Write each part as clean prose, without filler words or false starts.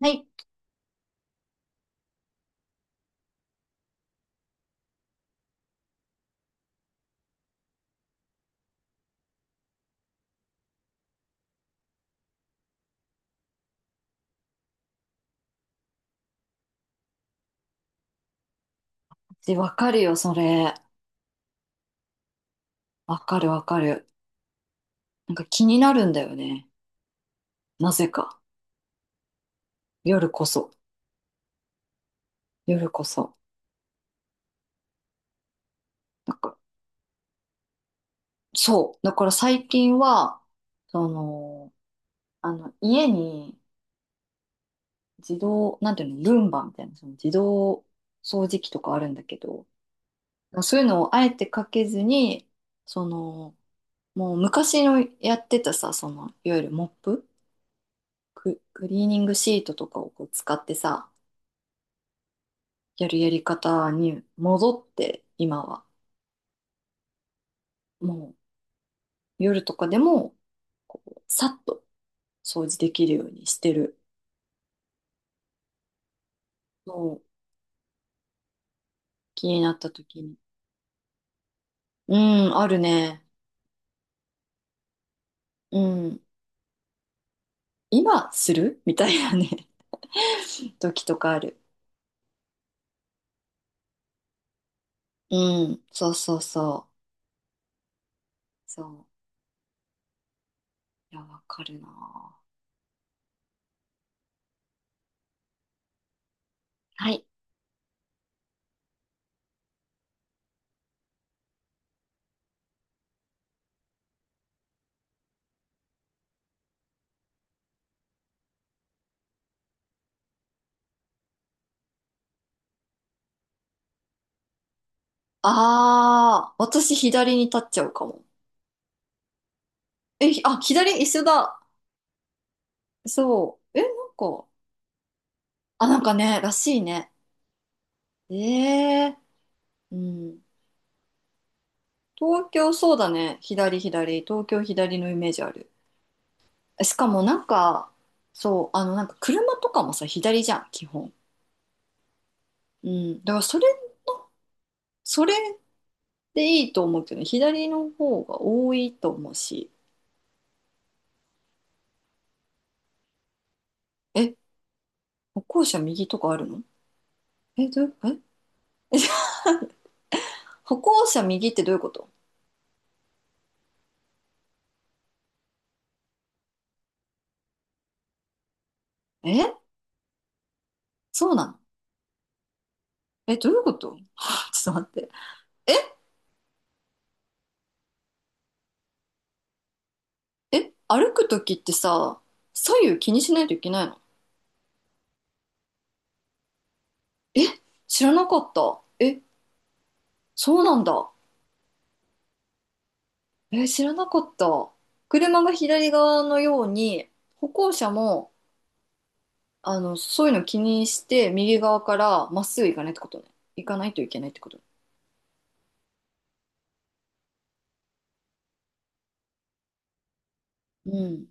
はい。で、わかるよ、それ。わかるわかる。なんか気になるんだよね。なぜか。夜こそ。夜こそ。なんか、そう。だから最近は、その、家に自動、なんていうの、ルンバみたいな、その自動掃除機とかあるんだけど、そういうのをあえてかけずに、その、もう昔のやってたさ、その、いわゆるモップ、クリーニングシートとかをこう使ってさ、やるやり方に戻って、今は。もう夜とかでも、さっと掃除できるようにしてる。もう気になった時に。うん、あるね。うん。今する みたいなね 時とかある。うん、そうそうそう。そう。いや、わかるな。はい。ああ、私左に立っちゃうかも。え、ひあ、左一緒だ。そう。え、なんか、あ、なんかね、らしいね。ええ、うん。東京そうだね。左左。東京左のイメージある。しかもなんか、そう、あのなんか車とかもさ、左じゃん、基本。うん。だからそれ、それでいいと思うけどね、左の方が多いと思うし。え、歩行者右とかあるの？え、どう、え、歩行者右ってどういうこと？え、そうなの？え、どういうこと ちょっと待って。え、え、歩くときってさ、左右気にしないといけないの？え、知らなかった。え、そうなんだ。えー、知らなかった。車が左側のように、歩行者も、あの、そういうの気にして、右側からまっすぐ行かないってことね。行かないといけないってこと。うん。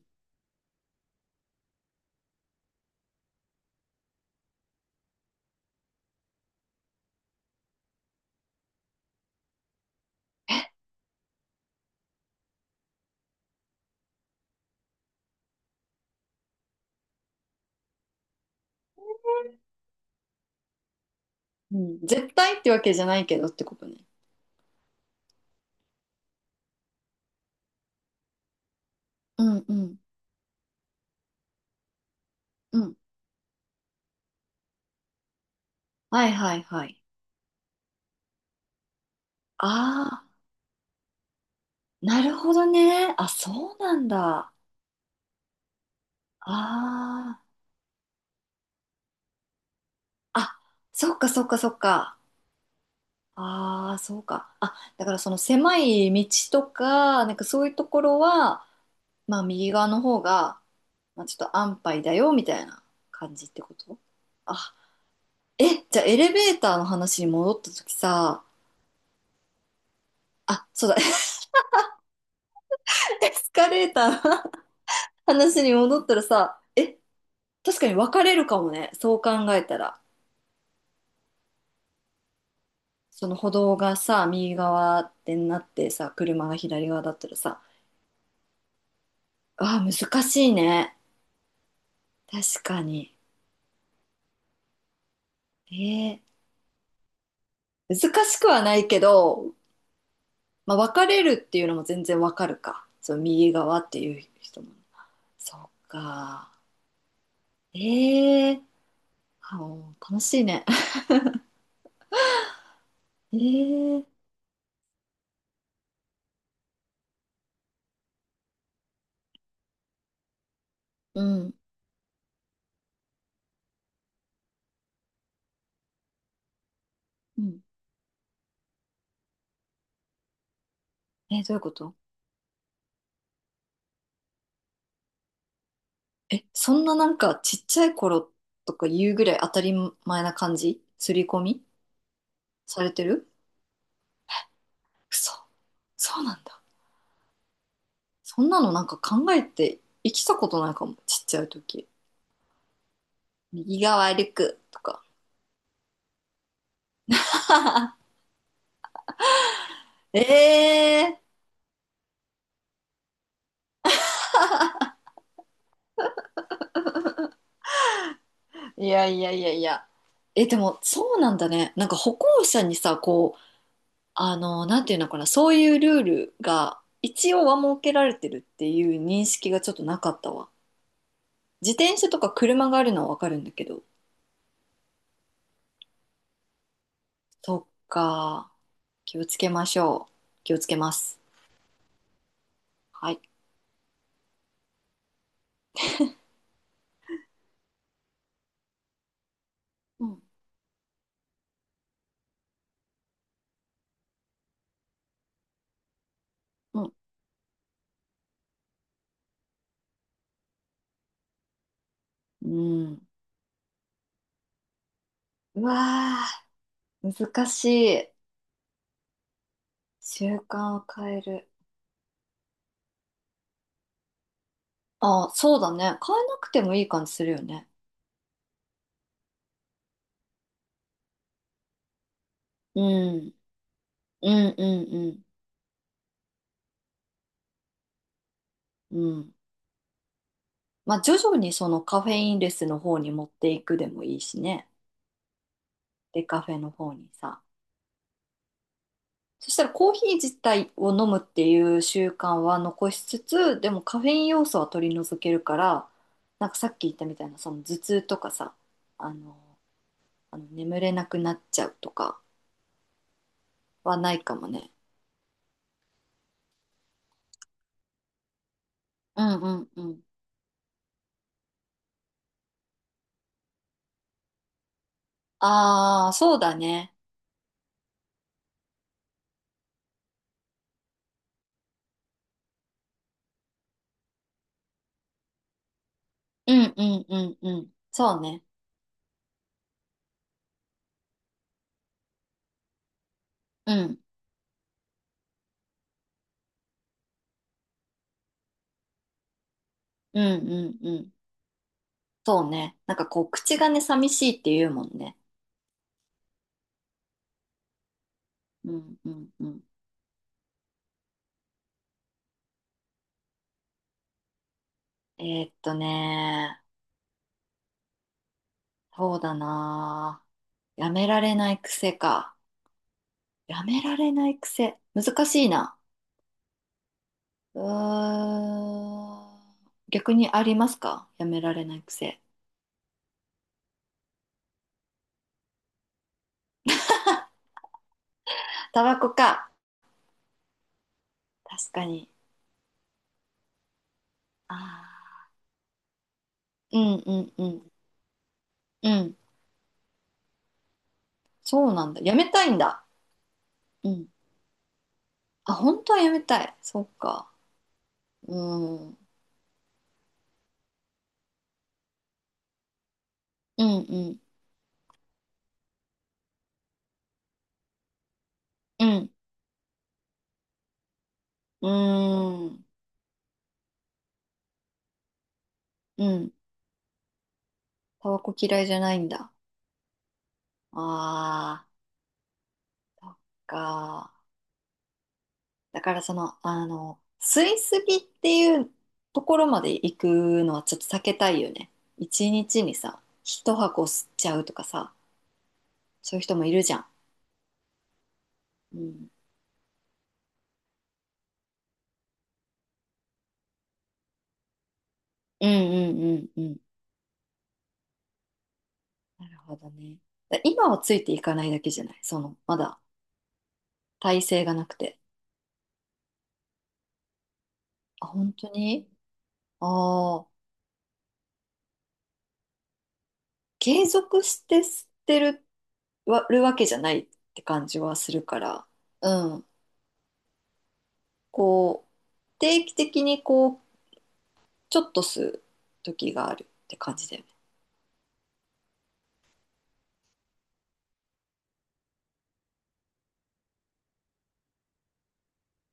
うん。絶対ってわけじゃないけどってことね。うんうんうん。はいはいはい。ああ、なるほどね。あ、そうなんだ。ああ。あ、そっかそっかそっか。ああ、そうか。あ、だからその狭い道とか、なんかそういうところは、まあ右側の方が、まあ、ちょっと安牌だよみたいな感じってこと？あ、え、じゃあエレベーターの話に戻った時さ、あ、そうだ、エスカレーターの話に戻ったらさ、え、確かに分かれるかもね、そう考えたら。その歩道がさ、右側ってなってさ、車が左側だったらさ、あー、難しいね。確かに。えー、難しくはないけど、まあ、分かれるっていうのも全然分かるか。その右側っていう人も。そっか。ええ、はあ、楽しいね。ええ、うん、うん。え、どういうこと？え、そんななんかちっちゃい頃とか言うぐらい当たり前な感じ刷り込みされてる？嘘。そうなんだ。そんなのなんか考えて生きたことないかも、ちっちゃい時。右側歩くとか。ええ、いやいやいやいや。え、でもそうなんだね。なんか歩行者にさ、こう、あの、なんていうのかな、そういうルールが一応は設けられてるっていう認識がちょっとなかったわ。自転車とか車があるのはわかるんだけど。そっか。気をつけましょう。気をつけます。はい。うん。うん。うん。うわー、難しい。習慣を変える。あ、そうだね。変えなくてもいい感じするよね。うん。うんうんうん。うん。まあ、徐々にそのカフェインレスの方に持っていくでもいいしね。で、カフェの方にさ。そしたらコーヒー自体を飲むっていう習慣は残しつつ、でもカフェイン要素は取り除けるから、なんかさっき言ったみたいな、その頭痛とかさ、あの、あの眠れなくなっちゃうとかはないかもね。うんうんうん。ああ、そうだね。うんうんうんうん。そうね。うん。うんうんうん。そうね。なんかこう、口がね、寂しいって言うもんね。うんうんうん。ね、そうだなぁ。やめられない癖か。やめられない癖。難しいな。うーん。逆にありますか？やめられない癖。タバコか。確かに。ああ、うんうんうん。うん。そうなんだ。やめたいんだ。うん。あ、本当はやめたい。そっか。うん。うんうんうん。うーん。うん。タバコ嫌いじゃないんだ。ああ、そっか。だからその、あの、吸いすぎっていうところまで行くのはちょっと避けたいよね。一日にさ、一箱吸っちゃうとかさ、そういう人もいるじゃん。うん。うんうんうんうん。なるほどね。だ今はついていかないだけじゃない？その、まだ体勢がなくて。あ、本当に？ああー、継続して吸ってるわ、るわけじゃないって感じはするから。うん。こう、定期的にこう、ちょっと吸う時があるって感じだよね。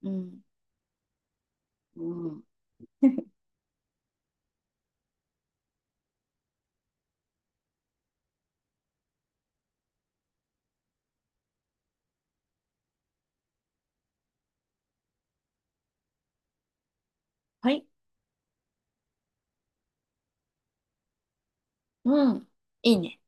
うん。うん。はい。うん。いいね。